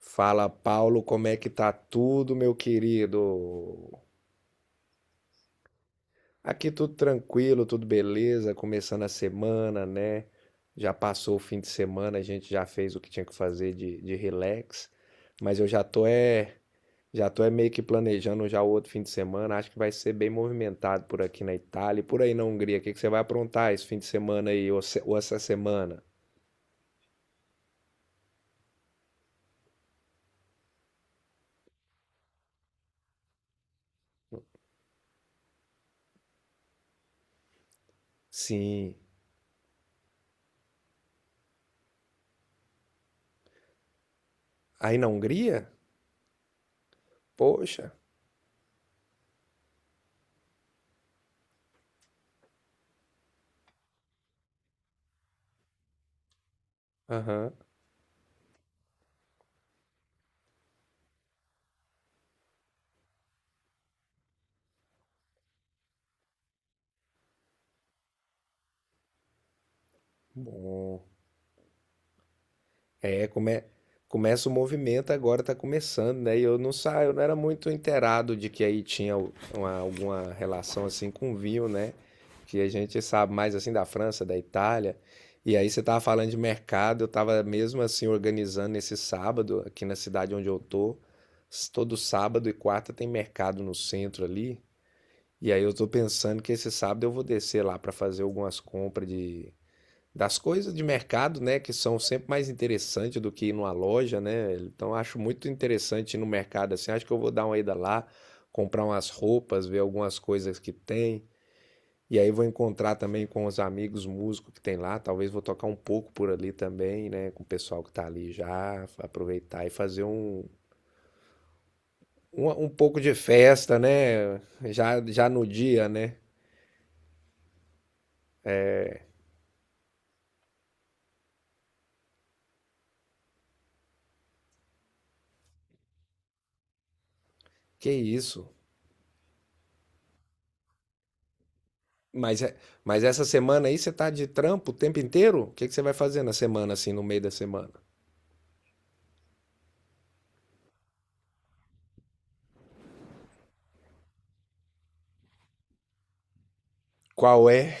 Fala, Paulo, como é que tá tudo, meu querido? Aqui tudo tranquilo, tudo beleza, começando a semana, né? Já passou o fim de semana, a gente já fez o que tinha que fazer de relax, mas eu já tô é meio que planejando já o outro fim de semana, acho que vai ser bem movimentado por aqui na Itália e por aí na Hungria. O que que você vai aprontar esse fim de semana aí ou, se- ou essa semana? Sim, aí na Hungria? Poxa, aham, bom. É, começa o movimento agora, tá começando, né? E eu não saio, eu não era muito inteirado de que aí tinha alguma relação assim com o vinho, né? Que a gente sabe mais assim da França, da Itália. E aí você tava falando de mercado, eu tava mesmo assim organizando esse sábado aqui na cidade onde eu tô. Todo sábado e quarta tem mercado no centro ali. E aí eu tô pensando que esse sábado eu vou descer lá para fazer algumas compras de das coisas de mercado, né, que são sempre mais interessantes do que ir numa loja, né? Então acho muito interessante ir no mercado assim. Acho que eu vou dar uma ida lá, comprar umas roupas, ver algumas coisas que tem. E aí vou encontrar também com os amigos músicos que tem lá. Talvez vou tocar um pouco por ali também, né? Com o pessoal que tá ali já, aproveitar e fazer um pouco de festa, né? Já no dia, né? Que isso. Mas, é- mas essa semana aí você tá de trampo o tempo inteiro? O que que você vai fazer na semana, assim, no meio da semana? Qual é?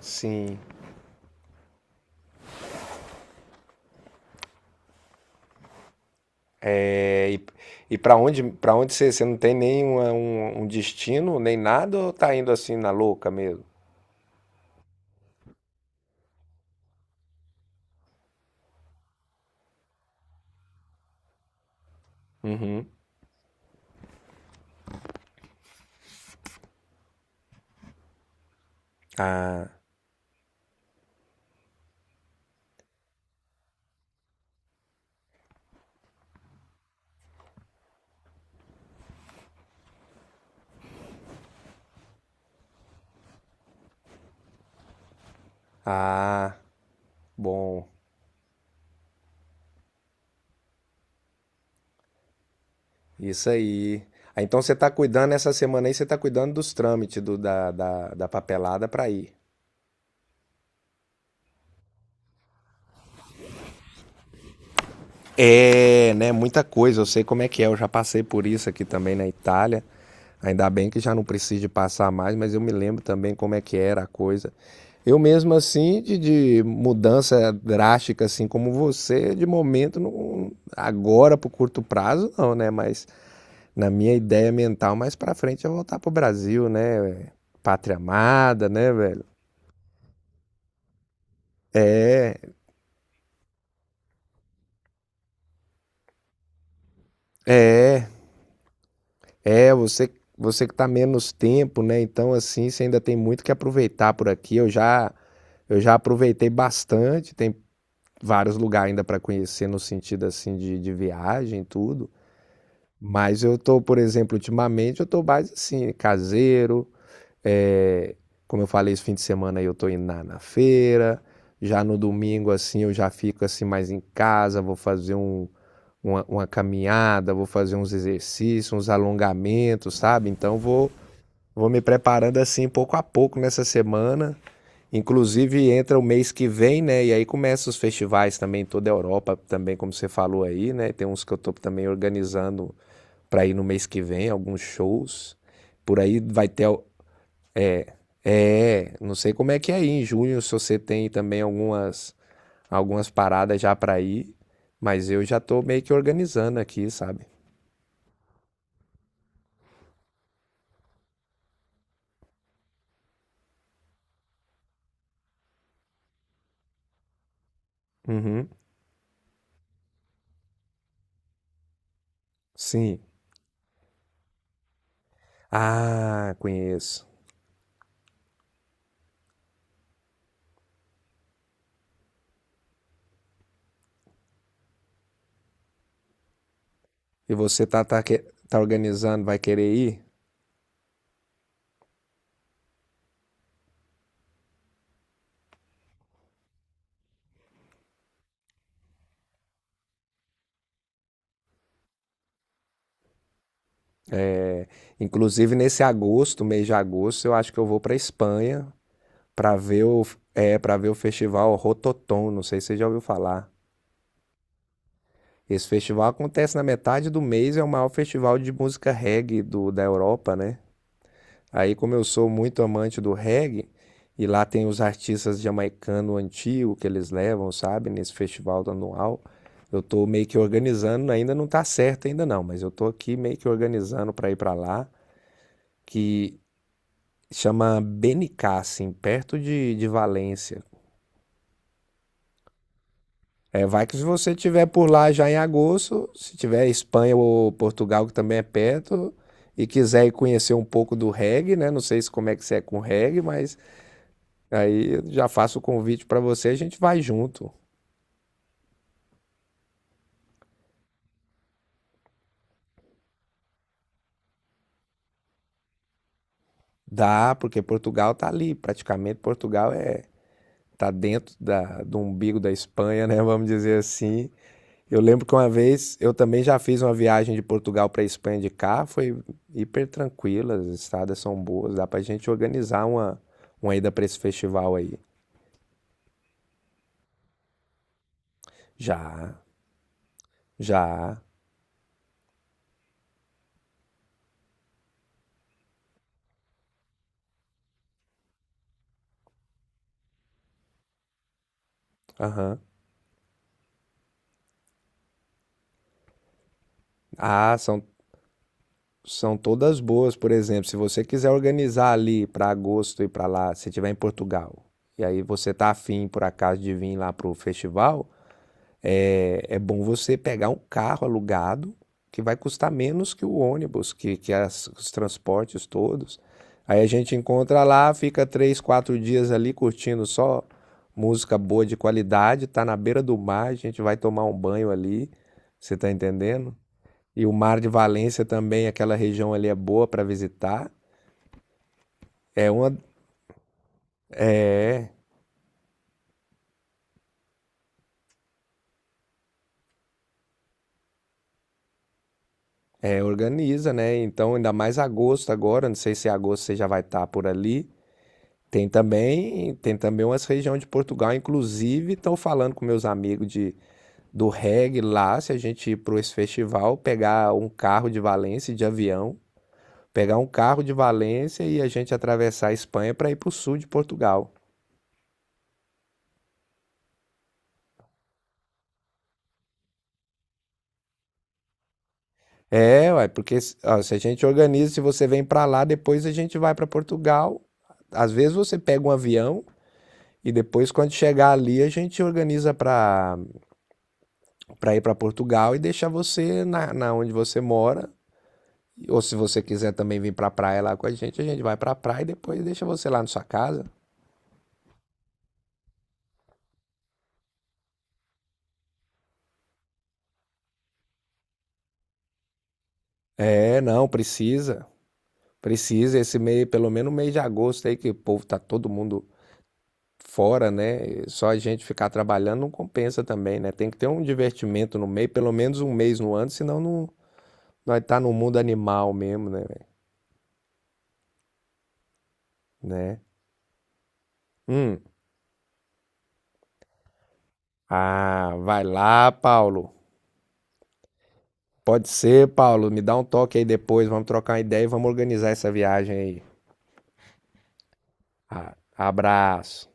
Sim. É, e para onde você não tem nem um destino, nem nada, ou tá indo assim na louca mesmo? Uhum. Ah, ah, bom. Isso aí. Ah, então você tá cuidando essa semana aí, você tá cuidando dos trâmites da papelada pra ir. É, né? Muita coisa. Eu sei como é que é. Eu já passei por isso aqui também na Itália. Ainda bem que já não precisa passar mais, mas eu me lembro também como é que era a coisa. Eu mesmo assim, de mudança drástica, assim como você, de momento, não, agora para o curto prazo, não, né? Mas na minha ideia mental, mais para frente é voltar pro Brasil, né? Pátria amada, né, velho? É, é, é, você que está menos tempo, né? Então, assim, você ainda tem muito que aproveitar por aqui. Eu já aproveitei bastante, tem vários lugares ainda para conhecer no sentido assim de viagem e tudo. Mas eu tô, por exemplo, ultimamente eu tô mais assim, caseiro. é, como eu falei, esse fim de semana aí eu tô indo na feira. Já no domingo, assim, eu já fico assim mais em casa, vou fazer um, uma caminhada, vou fazer uns exercícios, uns alongamentos, sabe? Então vou me preparando assim pouco a pouco nessa semana. Inclusive entra o mês que vem, né? E aí começam os festivais também em toda a Europa, também como você falou aí, né? Tem uns que eu tô também organizando para ir no mês que vem, alguns shows. Por aí vai ter o- é, Não sei como é que é aí em junho, se você tem também algumas paradas já para ir, mas eu já tô meio que organizando aqui, sabe? Uhum. Sim. Ah, conheço. E você tá organizando, vai querer ir? Inclusive nesse agosto, mês de agosto, eu acho que eu vou para a Espanha para ver o para ver o festival Rototom, não sei se você já ouviu falar. Esse festival acontece na metade do mês, é o maior festival de música reggae da Europa, né? Aí, como eu sou muito amante do reggae, e lá tem os artistas jamaicanos antigos que eles levam, sabe, nesse festival anual, eu tô meio que organizando, ainda não tá certo ainda não, mas eu tô aqui meio que organizando para ir para lá, que Chama Benicassim, perto de Valência. É, vai que se você tiver por lá já em agosto, se tiver Espanha ou Portugal, que também é perto, e quiser ir conhecer um pouco do reggae, né? Não sei se como é que você é com reggae, mas aí eu já faço o convite para você, a gente vai junto. Dá, porque Portugal tá ali, praticamente Portugal tá dentro do umbigo da Espanha, né? Vamos dizer assim. Eu lembro que uma vez eu também já fiz uma viagem de Portugal para a Espanha de carro, foi hiper tranquila, as estradas são boas, dá pra gente organizar uma ida para esse festival aí. Já, já, aham. Ah, são todas boas, por exemplo, se você quiser organizar ali para agosto e para lá, se tiver em Portugal, e aí você tá afim por acaso de vir lá pro festival. É bom você pegar um carro alugado que vai custar menos que o ônibus, os transportes todos. Aí a gente encontra lá, fica 3, 4 dias ali curtindo só música boa de qualidade, tá na beira do mar, a gente vai tomar um banho ali, você tá entendendo? E o Mar de Valência também, aquela região ali é boa para visitar. É uma, organiza, né? Então, ainda mais agosto agora, não sei se em agosto você já vai estar por ali. Tem também umas regiões de Portugal, inclusive estão falando com meus amigos do reggae lá, se a gente ir para esse festival, pegar um carro de Valência e a gente atravessar a Espanha para ir para o sul de Portugal. É, ué, porque ó, se a gente organiza, se você vem para lá, depois a gente vai para Portugal. Às vezes você pega um avião e depois quando chegar ali a gente organiza para ir para Portugal e deixar você na onde você mora. Ou se você quiser também vir pra praia lá com a gente vai pra praia e depois deixa você lá na sua casa. É, não, precisa. Precisa esse mês, pelo menos mês de agosto aí, que o povo tá todo mundo fora, né? Só a gente ficar trabalhando não compensa também, né? Tem que ter um divertimento no meio, pelo menos um mês no ano, senão não, nós tá no mundo animal mesmo, né, velho? Né? Hum. Ah, vai lá, Paulo. Pode ser, Paulo. Me dá um toque aí depois. Vamos trocar uma ideia e vamos organizar essa viagem aí. Ah, abraço.